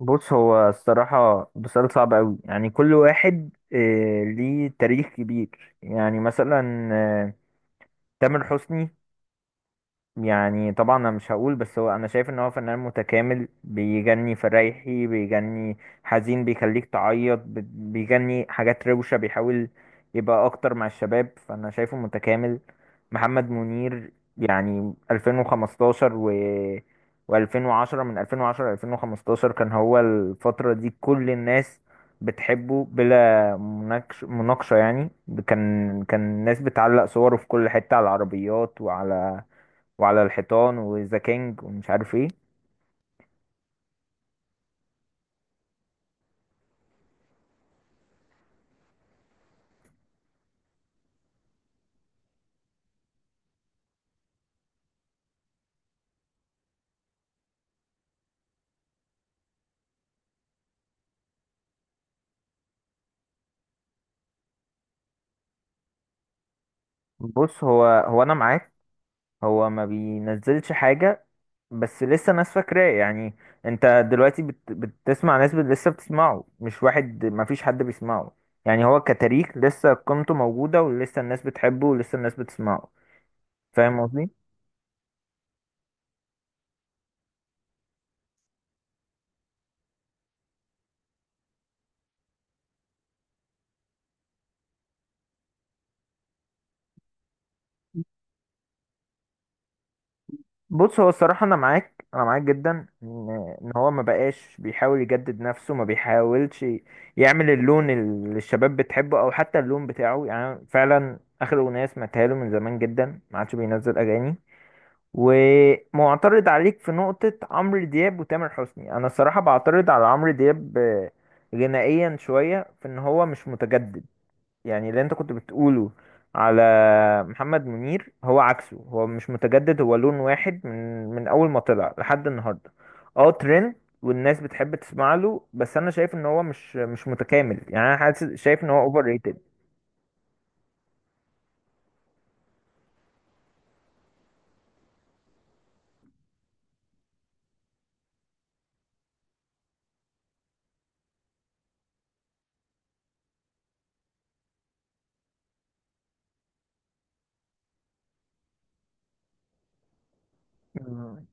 بص، هو الصراحة بسؤال صعب أوي. يعني كل واحد ليه تاريخ كبير. يعني مثلا تامر حسني، يعني طبعا انا مش هقول، بس هو انا شايف ان هو فنان متكامل. بيجني فريحي، بيجني حزين، بيخليك تعيط، بيجني حاجات روشة، بيحاول يبقى اكتر مع الشباب. فانا شايفه متكامل. محمد منير، يعني 2015 و2010، من 2010 ل 2015 كان هو. الفترة دي كل الناس بتحبه بلا مناقشة يعني. كان الناس بتعلق صوره في كل حتة، على العربيات وعلى الحيطان، وذا كينج ومش عارف ايه. بص، هو انا معاك. هو ما بينزلش حاجه، بس لسه ناس فاكراه يعني. انت دلوقتي بتسمع ناس، لسه بتسمعه. مش واحد، ما فيش حد بيسمعه. يعني هو كتاريخ لسه قيمته موجوده، ولسه الناس بتحبه ولسه الناس بتسمعه. فاهم قصدي. بص، هو الصراحة أنا معاك، أنا معاك جدا، إن إن هو ما بقاش بيحاول يجدد نفسه. ما بيحاولش يعمل اللون اللي الشباب بتحبه، أو حتى اللون بتاعه. يعني فعلا آخر أغنية سمعتها له من زمان جدا، ما عادش بينزل أغاني. ومعترض عليك في نقطة عمرو دياب وتامر حسني. أنا الصراحة بعترض على عمرو دياب غنائيا شوية، في إن هو مش متجدد. يعني اللي انت كنت بتقوله على محمد منير، هو عكسه. هو مش متجدد، هو لون واحد من اول ما طلع لحد النهارده. اه ترند، والناس بتحب تسمع له. بس انا شايف ان هو مش متكامل. يعني انا حاسس شايف ان هو اوفر ريتد. مم.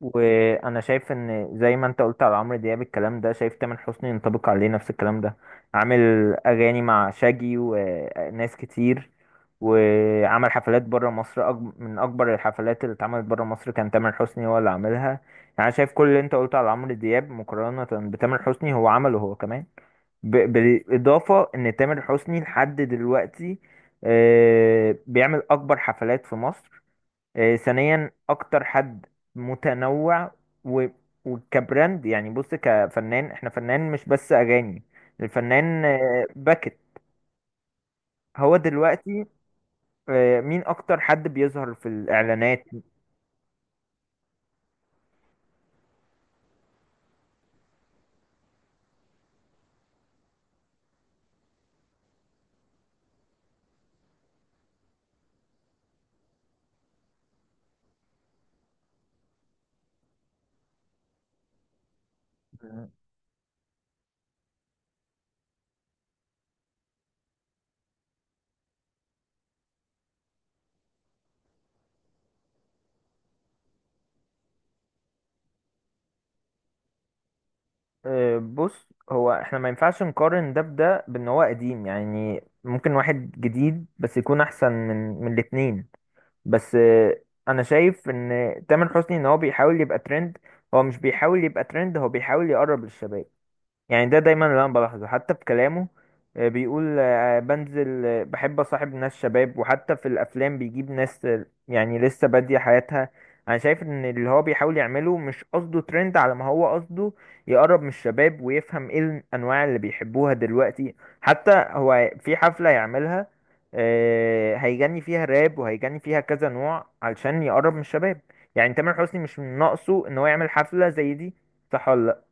وانا شايف ان زي ما انت قلت على عمرو دياب الكلام ده، شايف تامر حسني ينطبق عليه نفس الكلام ده. عامل اغاني مع شاجي وناس كتير، وعمل حفلات بره مصر. من اكبر الحفلات اللي اتعملت بره مصر كان تامر حسني هو اللي عاملها يعني. انا شايف كل اللي انت قلته على عمرو دياب مقارنة بتامر حسني، هو عمله هو كمان. بالاضافة ان تامر حسني لحد دلوقتي بيعمل اكبر حفلات في مصر. ثانيا، اكتر حد متنوع، و... وكبراند. يعني بص، كفنان احنا فنان مش بس اغاني. الفنان باكت. هو دلوقتي مين اكتر حد بيظهر في الاعلانات؟ بص، هو احنا ما ينفعش نقارن ده بده بان هو قديم. يعني ممكن واحد جديد بس يكون احسن من الاتنين. بس انا شايف ان تامر حسني ان هو بيحاول يبقى ترند. هو مش بيحاول يبقى ترند، هو بيحاول يقرب للشباب. يعني ده دايما اللي انا بلاحظه، حتى في كلامه بيقول بنزل بحب اصاحب ناس شباب، وحتى في الافلام بيجيب ناس يعني لسه بادية حياتها. انا شايف ان اللي هو بيحاول يعمله مش قصده ترند، على ما هو قصده يقرب من الشباب، ويفهم ايه الانواع اللي بيحبوها دلوقتي. حتى هو في حفلة يعملها هيغني فيها راب وهيغني فيها كذا نوع، علشان يقرب من الشباب. يعني تامر حسني مش من ناقصه ان هو يعمل حفلة زي دي، صح ولا لا؟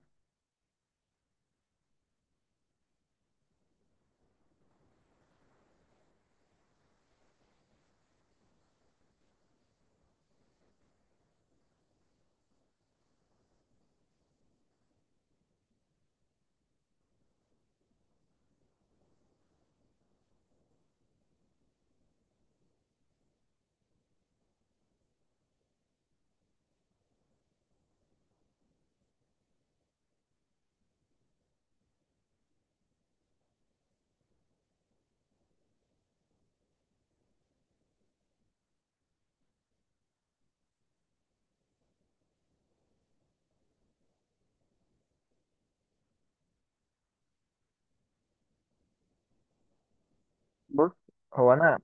بص هو انا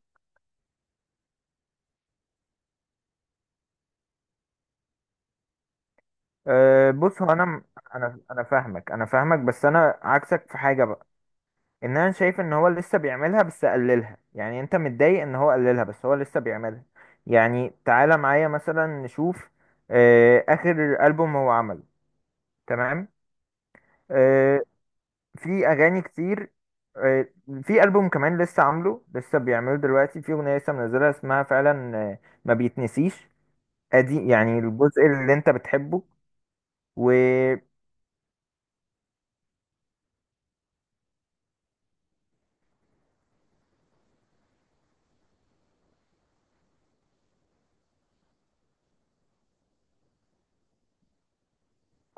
بص، هو انا، انا فاهمك، انا فاهمك، بس انا عكسك في حاجه بقى. ان انا شايف ان هو لسه بيعملها بس قللها. يعني انت متضايق ان هو قللها، بس هو لسه بيعملها. يعني تعالى معايا مثلا نشوف اخر البوم هو عمله. تمام. أه في اغاني كتير. أه في البوم كمان لسه عامله، لسه بيعمله دلوقتي. في اغنيه لسه منزلها اسمها فعلا ما بيتنسيش. ادي يعني الجزء اللي انت بتحبه. و...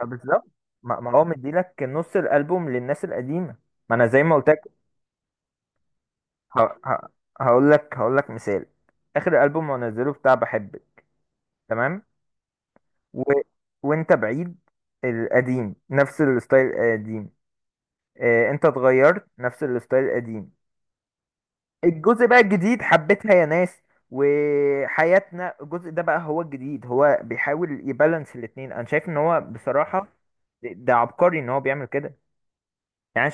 بالظبط. ما هو مديلك نص الالبوم للناس القديمه. ما انا زي ما قلت لك، هقول لك مثال. اخر البوم منزله بتاع بحبك. تمام. و... وانت بعيد، القديم نفس الستايل القديم. انت اتغيرت، نفس الستايل القديم. الجزء بقى الجديد، حبيتها يا ناس، وحياتنا، الجزء ده بقى هو الجديد. هو بيحاول يبالانس الاتنين. انا شايف ان هو بصراحه ده عبقري ان هو بيعمل كده يعني.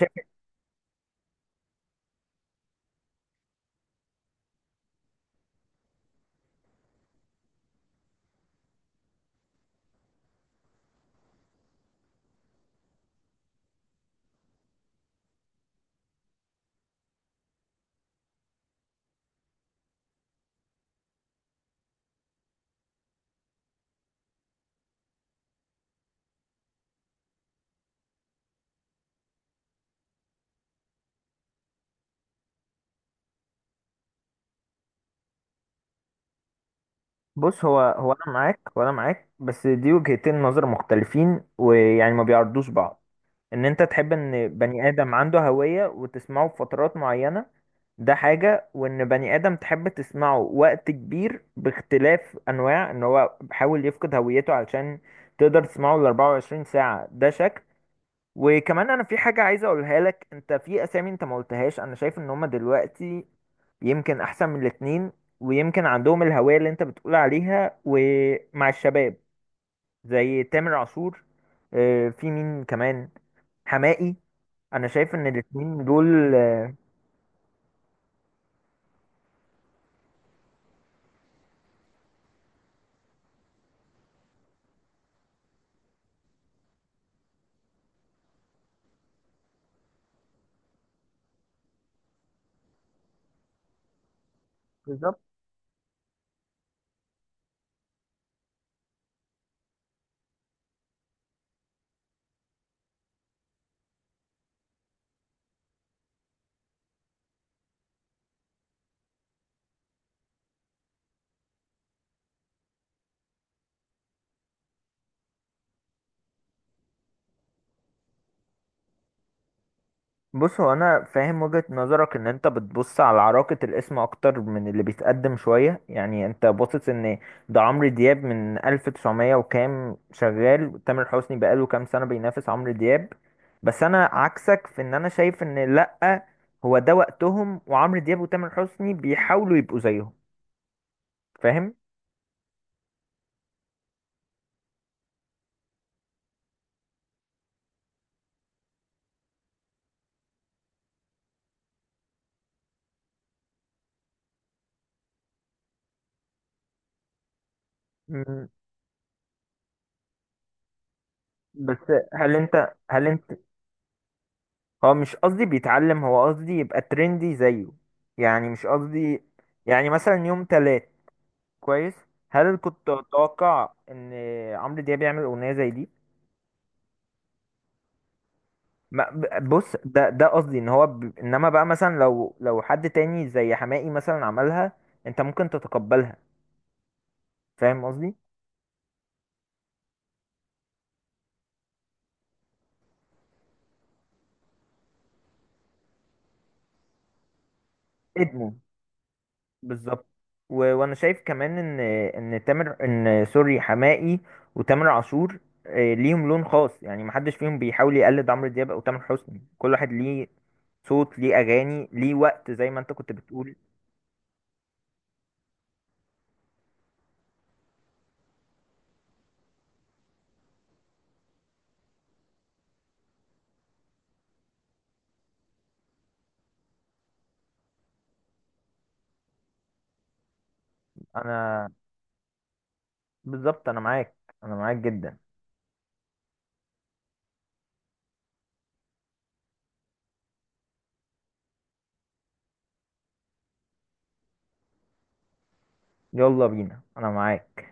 بص، هو انا معاك، وانا معاك. بس دي وجهتين نظر مختلفين، ويعني ما بيعرضوش بعض. ان انت تحب ان بني ادم عنده هوية وتسمعه في فترات معينة، ده حاجة. وان بني ادم تحب تسمعه وقت كبير باختلاف انواع، ان هو بيحاول يفقد هويته علشان تقدر تسمعه ال 24 ساعة، ده شكل. وكمان، انا في حاجة عايز اقولها لك، انت في اسامي انت ما قلتهاش. انا شايف ان هما دلوقتي يمكن احسن من الاتنين، ويمكن عندهم الهوية اللي انت بتقول عليها ومع الشباب. زي تامر عاشور في مين كمان، حماقي. انا شايف ان الاتنين دول بالظبط. بص، هو انا فاهم وجهة نظرك، ان انت بتبص على عراقة الاسم اكتر من اللي بيتقدم شوية. يعني انت باصص ان ده عمرو دياب من 1900 وكام شغال، تامر حسني بقاله كام سنة بينافس عمرو دياب. بس انا عكسك في ان انا شايف ان لأ، هو ده وقتهم، وعمرو دياب وتامر حسني بيحاولوا يبقوا زيهم. فاهم. مم، بس هل انت هو مش قصدي بيتعلم، هو قصدي يبقى ترندي زيه. يعني مش قصدي، يعني مثلا يوم تلات. كويس. هل كنت اتوقع ان عمرو دياب يعمل اغنيه زي دي؟ ما ب- بص، ده قصدي ان هو، انما بقى مثلا لو حد تاني زي حماقي مثلا عملها، انت ممكن تتقبلها. فاهم قصدي. ادمه، بالظبط. وانا شايف كمان ان تامر، ان سوري، حماقي وتامر عاشور ليهم لون خاص. يعني محدش فيهم بيحاول يقلد عمرو دياب او تامر حسني. كل واحد ليه صوت، ليه اغاني، ليه وقت، زي ما انت كنت بتقول. انا بالظبط، انا معاك، انا معاك جدا. يلا بينا، انا معاك.